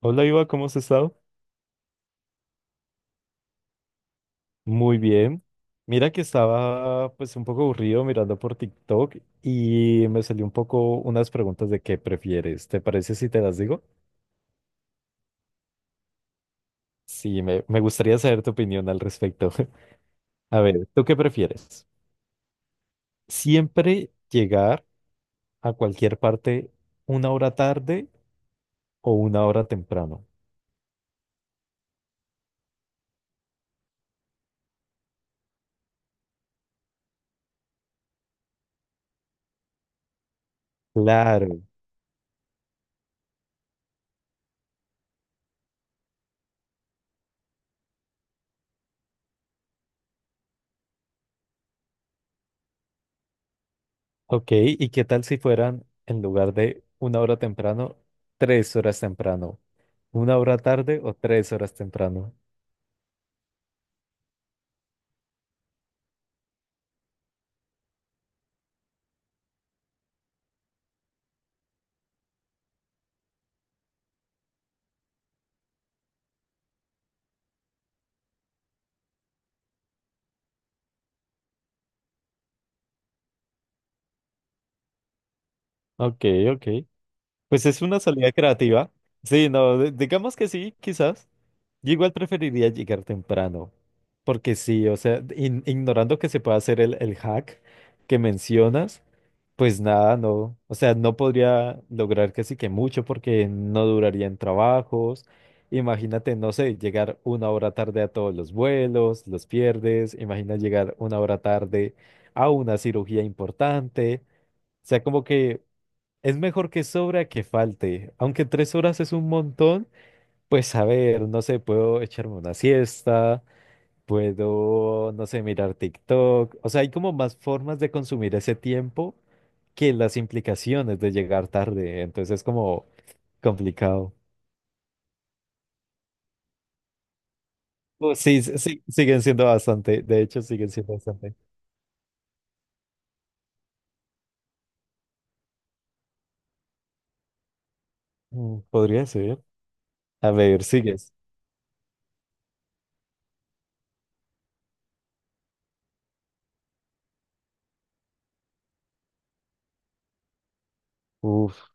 Hola Iva, ¿cómo has estado? Muy bien. Mira que estaba pues un poco aburrido mirando por TikTok y me salió un poco unas preguntas de qué prefieres. ¿Te parece si te las digo? Sí, me gustaría saber tu opinión al respecto. A ver, ¿tú qué prefieres? ¿Siempre llegar a cualquier parte una hora tarde o una hora temprano? Claro. Ok, ¿y qué tal si fueran en lugar de una hora temprano, tres horas temprano? ¿Una hora tarde o tres horas temprano? Ok, ok. Pues es una salida creativa. Sí, no, digamos que sí, quizás. Yo igual preferiría llegar temprano, porque sí, o sea, ignorando que se pueda hacer el hack que mencionas, pues nada, no, o sea, no podría lograr casi que mucho porque no duraría en trabajos. Imagínate, no sé, llegar una hora tarde a todos los vuelos, los pierdes. Imagina llegar una hora tarde a una cirugía importante. O sea, como que es mejor que sobra que falte. Aunque tres horas es un montón, pues a ver, no sé, puedo echarme una siesta, puedo, no sé, mirar TikTok. O sea, hay como más formas de consumir ese tiempo que las implicaciones de llegar tarde. Entonces es como complicado. Pues sí, sí, sí, siguen siendo bastante. De hecho, siguen siendo bastante. Mm, podría ser. A ver, sigues. Uf,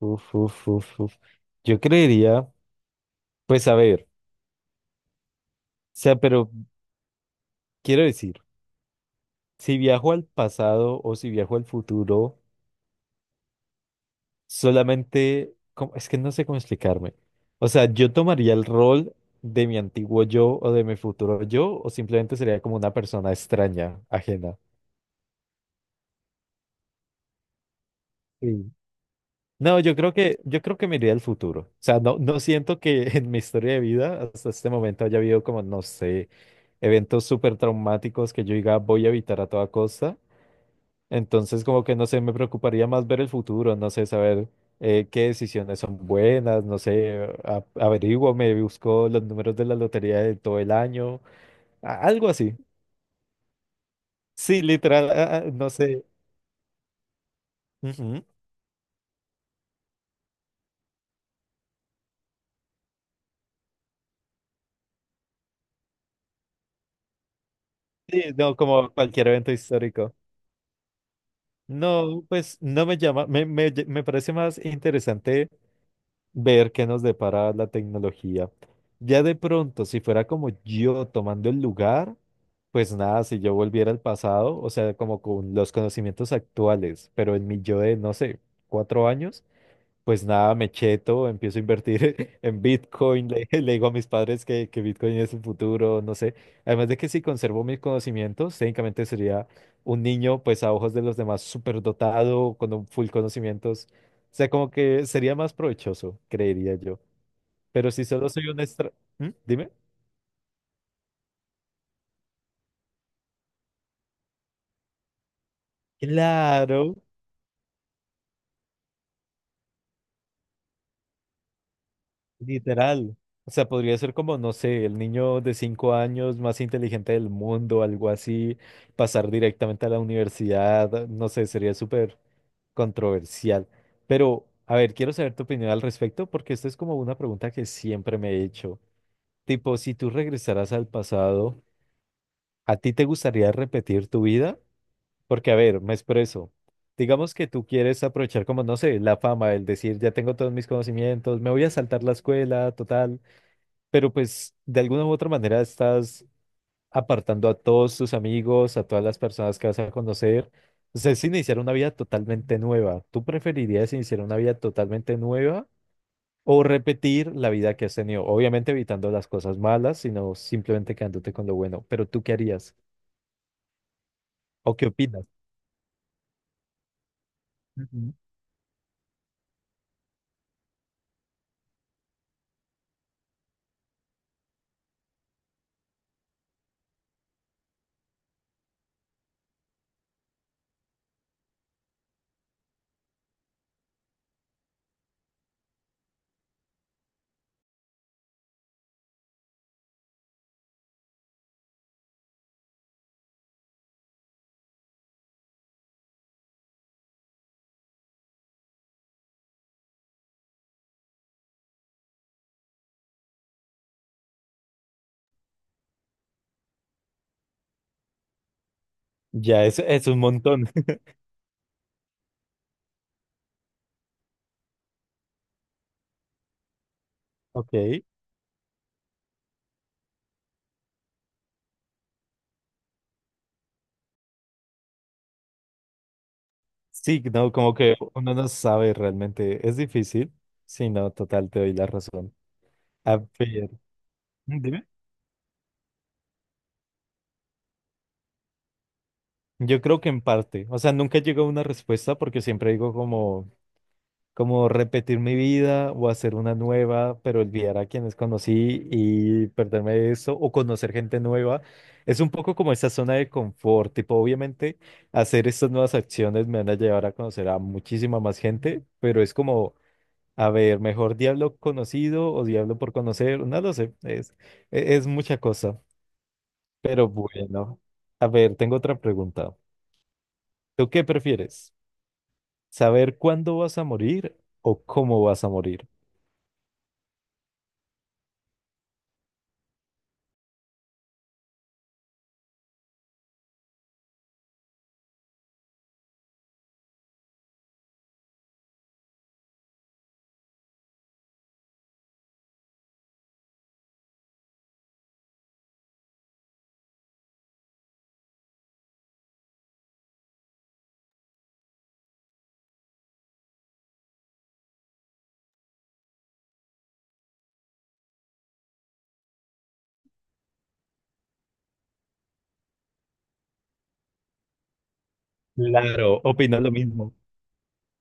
uf, uf, uf, uf. Yo creería, pues a ver, o sea, pero quiero decir. Si viajo al pasado o si viajo al futuro, solamente, ¿cómo? Es que no sé cómo explicarme. O sea, yo tomaría el rol de mi antiguo yo o de mi futuro yo, o simplemente sería como una persona extraña, ajena. Sí. No, yo creo que me iría al futuro. O sea, no, no siento que en mi historia de vida hasta este momento haya habido como, no sé, eventos súper traumáticos que yo diga voy a evitar a toda costa. Entonces, como que no sé, me preocuparía más ver el futuro, no sé, saber qué decisiones son buenas, no sé, averiguo, me busco los números de la lotería de todo el año, algo así. Sí, literal, no sé. Ujú. Sí, no, como cualquier evento histórico. No, pues no me llama, me parece más interesante ver qué nos depara la tecnología. Ya de pronto, si fuera como yo tomando el lugar, pues nada, si yo volviera al pasado, o sea, como con los conocimientos actuales, pero en mi yo de, no sé, 4 años, pues nada, me cheto, empiezo a invertir en Bitcoin, le, le digo a mis padres que Bitcoin es el futuro, no sé. Además de que si conservo mis conocimientos, técnicamente sería un niño, pues a ojos de los demás, súper dotado, con un full conocimientos. O sea, como que sería más provechoso, creería yo. Pero si solo soy un extra... ¿Mm? Dime. Claro. Literal. O sea, podría ser como, no sé, el niño de 5 años más inteligente del mundo, algo así, pasar directamente a la universidad, no sé, sería súper controversial. Pero, a ver, quiero saber tu opinión al respecto porque esta es como una pregunta que siempre me he hecho. Tipo, si tú regresaras al pasado, ¿a ti te gustaría repetir tu vida? Porque, a ver, me expreso. Digamos que tú quieres aprovechar como, no sé, la fama, el decir, ya tengo todos mis conocimientos, me voy a saltar la escuela, total. Pero pues de alguna u otra manera estás apartando a todos tus amigos, a todas las personas que vas a conocer. O sea, es iniciar una vida totalmente nueva. ¿Tú preferirías iniciar una vida totalmente nueva o repetir la vida que has tenido? Obviamente evitando las cosas malas, sino simplemente quedándote con lo bueno. Pero ¿tú qué harías? ¿O qué opinas? Ujú. Ya, es un montón. Ok. Sí, no, como que uno no sabe realmente. Es difícil. Sí, no, total, te doy la razón. A ver. Dime. Yo creo que en parte, o sea, nunca llego a una respuesta porque siempre digo como, repetir mi vida o hacer una nueva, pero olvidar a quienes conocí y perderme de eso o conocer gente nueva. Es un poco como esa zona de confort, tipo, obviamente hacer estas nuevas acciones me van a llevar a conocer a muchísima más gente, pero es como, a ver, mejor diablo conocido o diablo por conocer, no lo sé, es mucha cosa, pero bueno, a ver, tengo otra pregunta. ¿Tú qué prefieres? ¿Saber cuándo vas a morir o cómo vas a morir? Claro, opino lo mismo.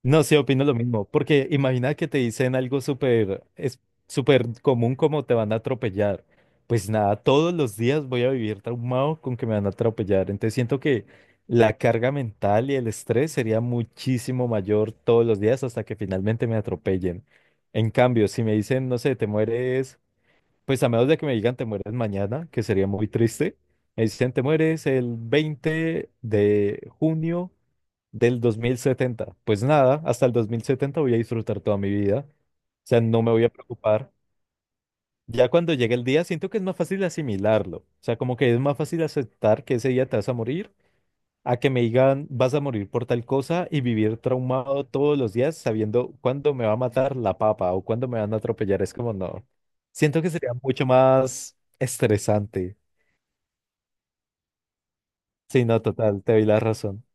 No, sí, opino lo mismo, porque imagina que te dicen algo súper, es súper común como te van a atropellar. Pues nada, todos los días voy a vivir traumado con que me van a atropellar. Entonces siento que la carga mental y el estrés sería muchísimo mayor todos los días hasta que finalmente me atropellen. En cambio, si me dicen, no sé, te mueres. Pues a menos de que me digan te mueres mañana, que sería muy triste. Me dicen te mueres el 20 de junio del 2070. Pues nada, hasta el 2070 voy a disfrutar toda mi vida. O sea, no me voy a preocupar. Ya cuando llegue el día, siento que es más fácil asimilarlo. O sea, como que es más fácil aceptar que ese día te vas a morir a que me digan vas a morir por tal cosa y vivir traumado todos los días sabiendo cuándo me va a matar la papa o cuándo me van a atropellar. Es como no. Siento que sería mucho más estresante. Sí, no, total, te doy la razón.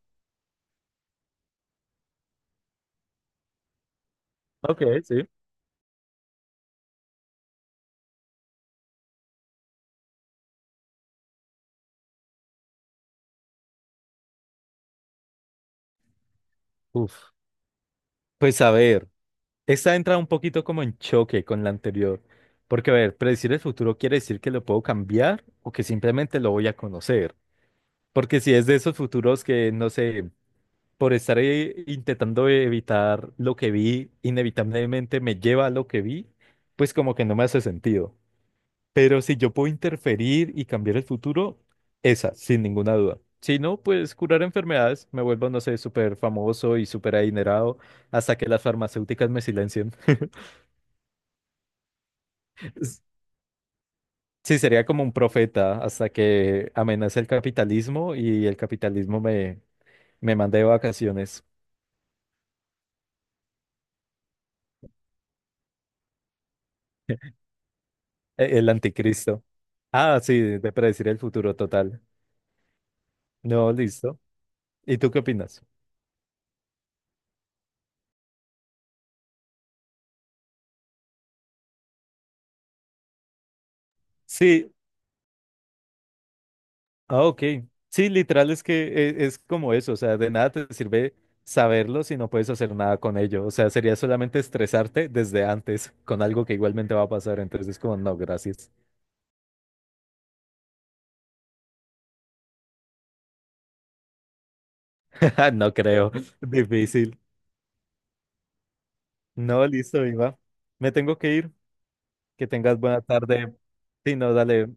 Ok, sí. Uf. Pues a ver, esta entra un poquito como en choque con la anterior. Porque, a ver, predecir el futuro quiere decir que lo puedo cambiar o que simplemente lo voy a conocer. Porque si es de esos futuros que, no sé, por estar intentando evitar lo que vi, inevitablemente me lleva a lo que vi, pues como que no me hace sentido. Pero si yo puedo interferir y cambiar el futuro, esa, sin ninguna duda. Si no, pues curar enfermedades, me vuelvo, no sé, súper famoso y súper adinerado hasta que las farmacéuticas me silencien. S- Sí, sería como un profeta hasta que amenace el capitalismo y el capitalismo me mande de vacaciones. El anticristo. Ah, sí, de predecir el futuro total. No, listo. ¿Y tú qué opinas? Sí, ah, ok. Sí, literal es que es, como eso, o sea, de nada te sirve saberlo si no puedes hacer nada con ello. O sea, sería solamente estresarte desde antes con algo que igualmente va a pasar. Entonces es como, no, gracias. No creo. Difícil. No, listo, Iba. Me tengo que ir. Que tengas buena tarde. Sí, no, dale.